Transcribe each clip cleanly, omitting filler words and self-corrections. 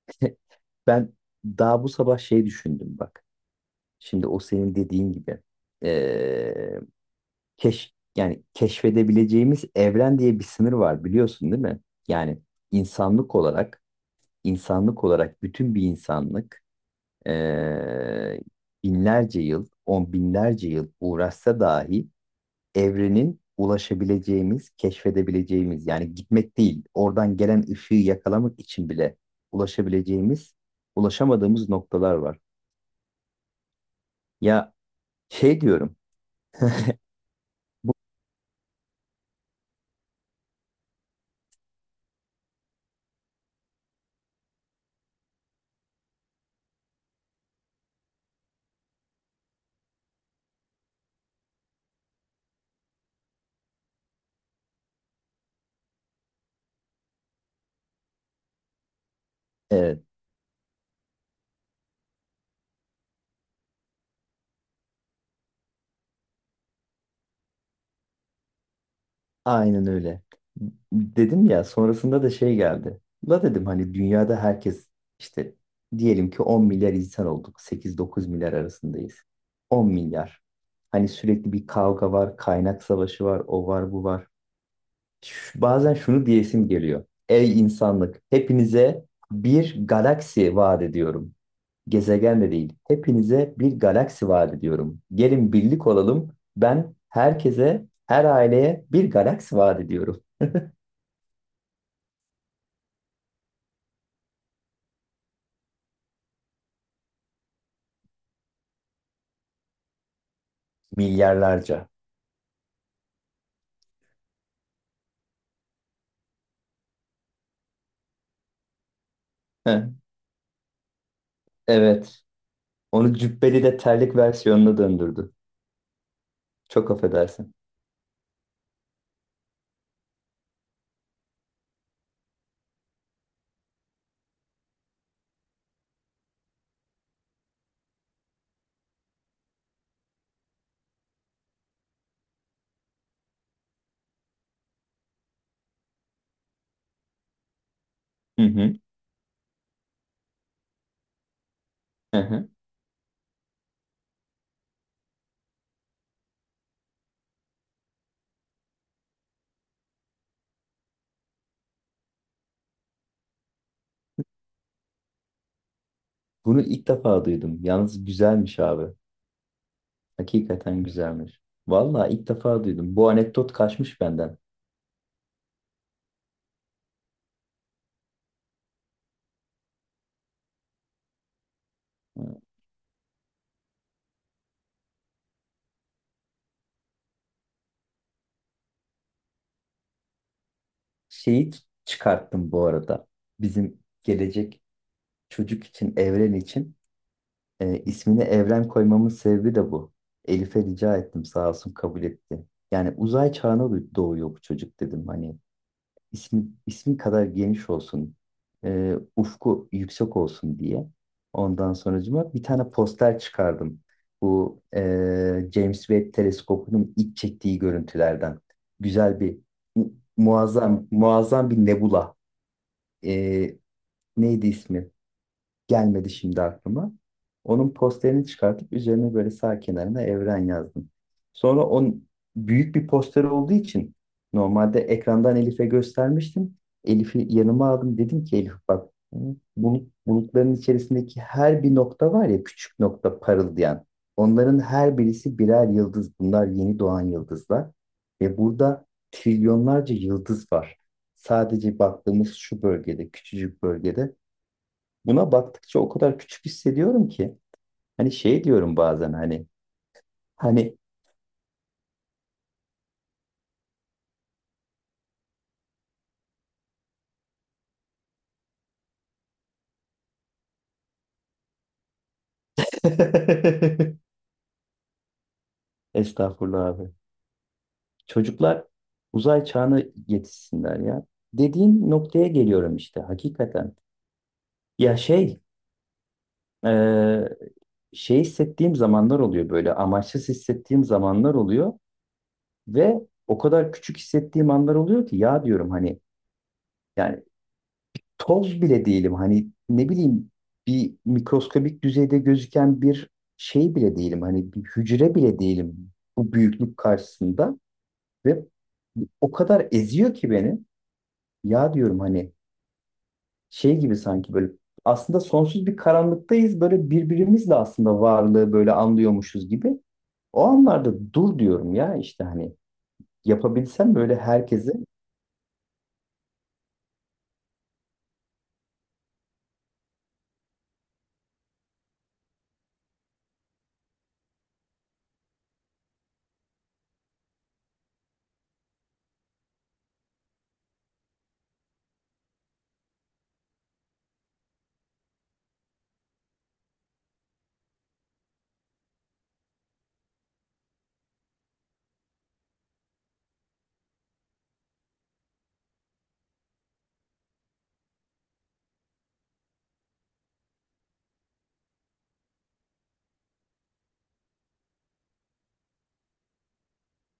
Ben daha bu sabah şey düşündüm bak. Şimdi o senin dediğin gibi eee, yani keşfedebileceğimiz evren diye bir sınır var biliyorsun değil mi? Yani insanlık olarak insanlık olarak bütün bir insanlık eee, binlerce yıl on binlerce yıl uğraşsa dahi evrenin ulaşabileceğimiz keşfedebileceğimiz yani gitmek değil oradan gelen ışığı yakalamak için bile ulaşabileceğimiz ulaşamadığımız noktalar var. Ya şey diyorum. Evet, aynen öyle. Dedim ya sonrasında da şey geldi. La dedim hani dünyada herkes işte diyelim ki 10 milyar insan olduk. 8-9 milyar arasındayız. 10 milyar. Hani sürekli bir kavga var, kaynak savaşı var, o var, bu var. Bazen şunu diyesim geliyor. Ey insanlık, hepinize bir galaksi vaat ediyorum. Gezegen de değil. Hepinize bir galaksi vaat ediyorum. Gelin birlik olalım. Ben herkese, her aileye bir galaksi vaat ediyorum. Milyarlarca. Heh, evet. Onu cübbeli de terlik versiyonuna döndürdü. Çok affedersin. Hı hı, hı hı. Bunu ilk defa duydum. Yalnız güzelmiş abi. Hakikaten güzelmiş. Vallahi ilk defa duydum. Bu anekdot kaçmış benden. Şeyi çıkarttım bu arada. Bizim gelecek çocuk için, evren için. İsmini Evren koymamın sebebi de bu. Elif'e rica ettim sağ olsun kabul etti. Yani uzay çağına doğuyor bu çocuk dedim. Hani ismi kadar geniş olsun, ufku yüksek olsun diye. Ondan sonracıma bir tane poster çıkardım. Bu James Webb teleskopunun ilk çektiği görüntülerden. Güzel bir, muazzam, muazzam bir nebula. E, neydi ismi? Gelmedi şimdi aklıma. Onun posterini çıkartıp üzerine böyle sağ kenarına Evren yazdım. Sonra büyük bir poster olduğu için normalde ekrandan Elif'e göstermiştim. Elif'i yanıma aldım. Dedim ki Elif bak bulutların içerisindeki her bir nokta var ya küçük nokta parıldayan. Onların her birisi birer yıldız. Bunlar yeni doğan yıldızlar. Ve burada trilyonlarca yıldız var. Sadece baktığımız şu bölgede, küçücük bölgede. Buna baktıkça o kadar küçük hissediyorum ki. Hani şey diyorum bazen hani. Hani estağfurullah abi. Çocuklar uzay çağına yetişsinler ya. Dediğin noktaya geliyorum işte hakikaten. Ya şey e, şey hissettiğim zamanlar oluyor böyle amaçsız hissettiğim zamanlar oluyor ve o kadar küçük hissettiğim anlar oluyor ki ya diyorum hani yani toz bile değilim. Hani ne bileyim bir mikroskobik düzeyde gözüken bir şey bile değilim. Hani bir hücre bile değilim bu büyüklük karşısında ve o kadar eziyor ki beni. Ya diyorum hani şey gibi sanki böyle aslında sonsuz bir karanlıktayız. Böyle birbirimizle aslında varlığı böyle anlıyormuşuz gibi. O anlarda dur diyorum ya işte hani yapabilsem böyle herkese.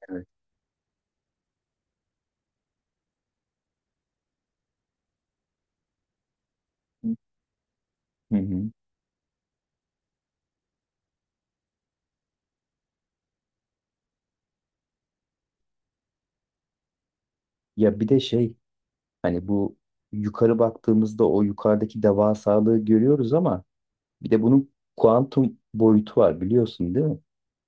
Evet. Hı hı. Ya bir de şey. Hani bu yukarı baktığımızda o yukarıdaki devasalığı görüyoruz ama bir de bunun kuantum boyutu var biliyorsun değil mi?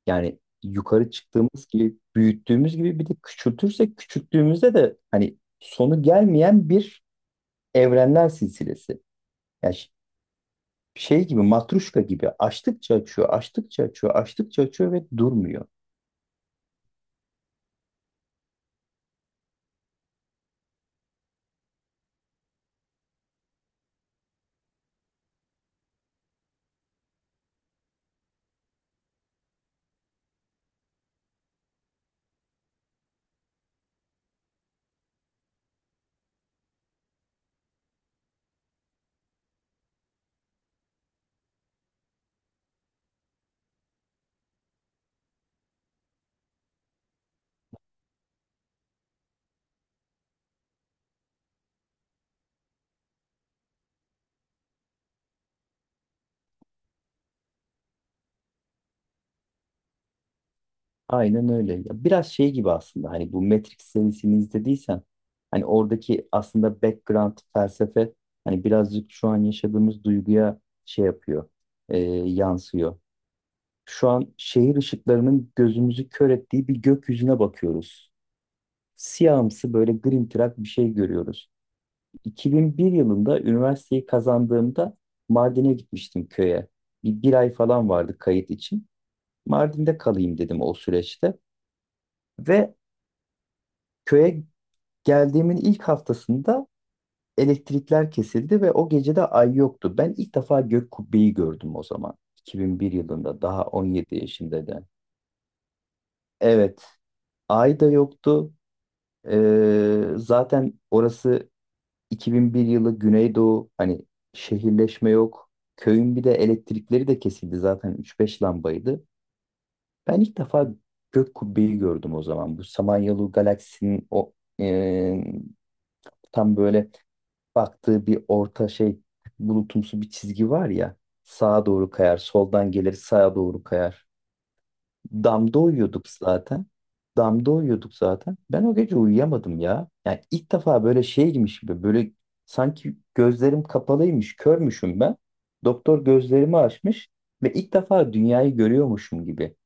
Yani yukarı çıktığımız gibi büyüttüğümüz gibi bir de küçültürsek küçülttüğümüzde de hani sonu gelmeyen bir evrenler silsilesi. Yani şey gibi matruşka gibi açtıkça açıyor, açtıkça açıyor, açtıkça açıyor ve durmuyor. Aynen öyle. Ya biraz şey gibi aslında hani bu Matrix serisini izlediysen hani oradaki aslında background felsefe hani birazcık şu an yaşadığımız duyguya şey yapıyor, yansıyor. Şu an şehir ışıklarının gözümüzü kör ettiği bir gökyüzüne bakıyoruz. Siyahımsı böyle grimtırak bir şey görüyoruz. 2001 yılında üniversiteyi kazandığımda Mardin'e gitmiştim köye. Bir ay falan vardı kayıt için. Mardin'de kalayım dedim o süreçte. Ve köye geldiğimin ilk haftasında elektrikler kesildi ve o gece de ay yoktu. Ben ilk defa gök kubbeyi gördüm o zaman. 2001 yılında daha 17 yaşındayken. Evet, ay da yoktu. Zaten orası 2001 yılı Güneydoğu hani şehirleşme yok. Köyün bir de elektrikleri de kesildi zaten 3-5 lambaydı. Ben ilk defa gök kubbeyi gördüm o zaman. Bu Samanyolu galaksinin o ee, tam böyle baktığı bir orta şey bulutumsu bir çizgi var ya. Sağa doğru kayar, soldan gelir, sağa doğru kayar. Damda uyuyorduk zaten. Damda uyuyorduk zaten. Ben o gece uyuyamadım ya. Yani ilk defa böyle şey girmiş gibi böyle sanki gözlerim kapalıymış, körmüşüm ben. Doktor gözlerimi açmış ve ilk defa dünyayı görüyormuşum gibi.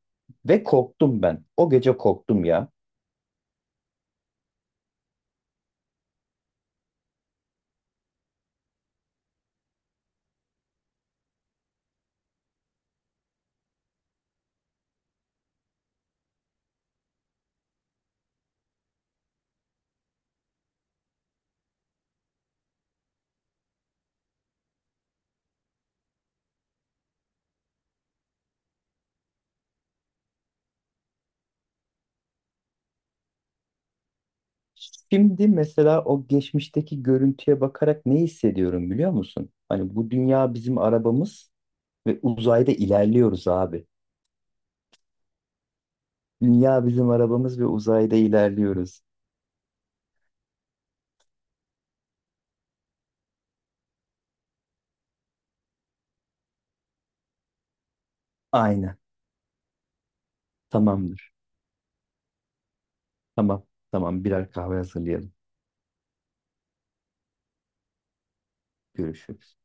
Ve korktum ben. O gece korktum ya. Şimdi mesela o geçmişteki görüntüye bakarak ne hissediyorum biliyor musun? Hani bu dünya bizim arabamız ve uzayda ilerliyoruz abi. Dünya bizim arabamız ve uzayda ilerliyoruz. Aynen. Tamamdır. Tamam. Tamam. Birer kahve hazırlayalım. Görüşürüz.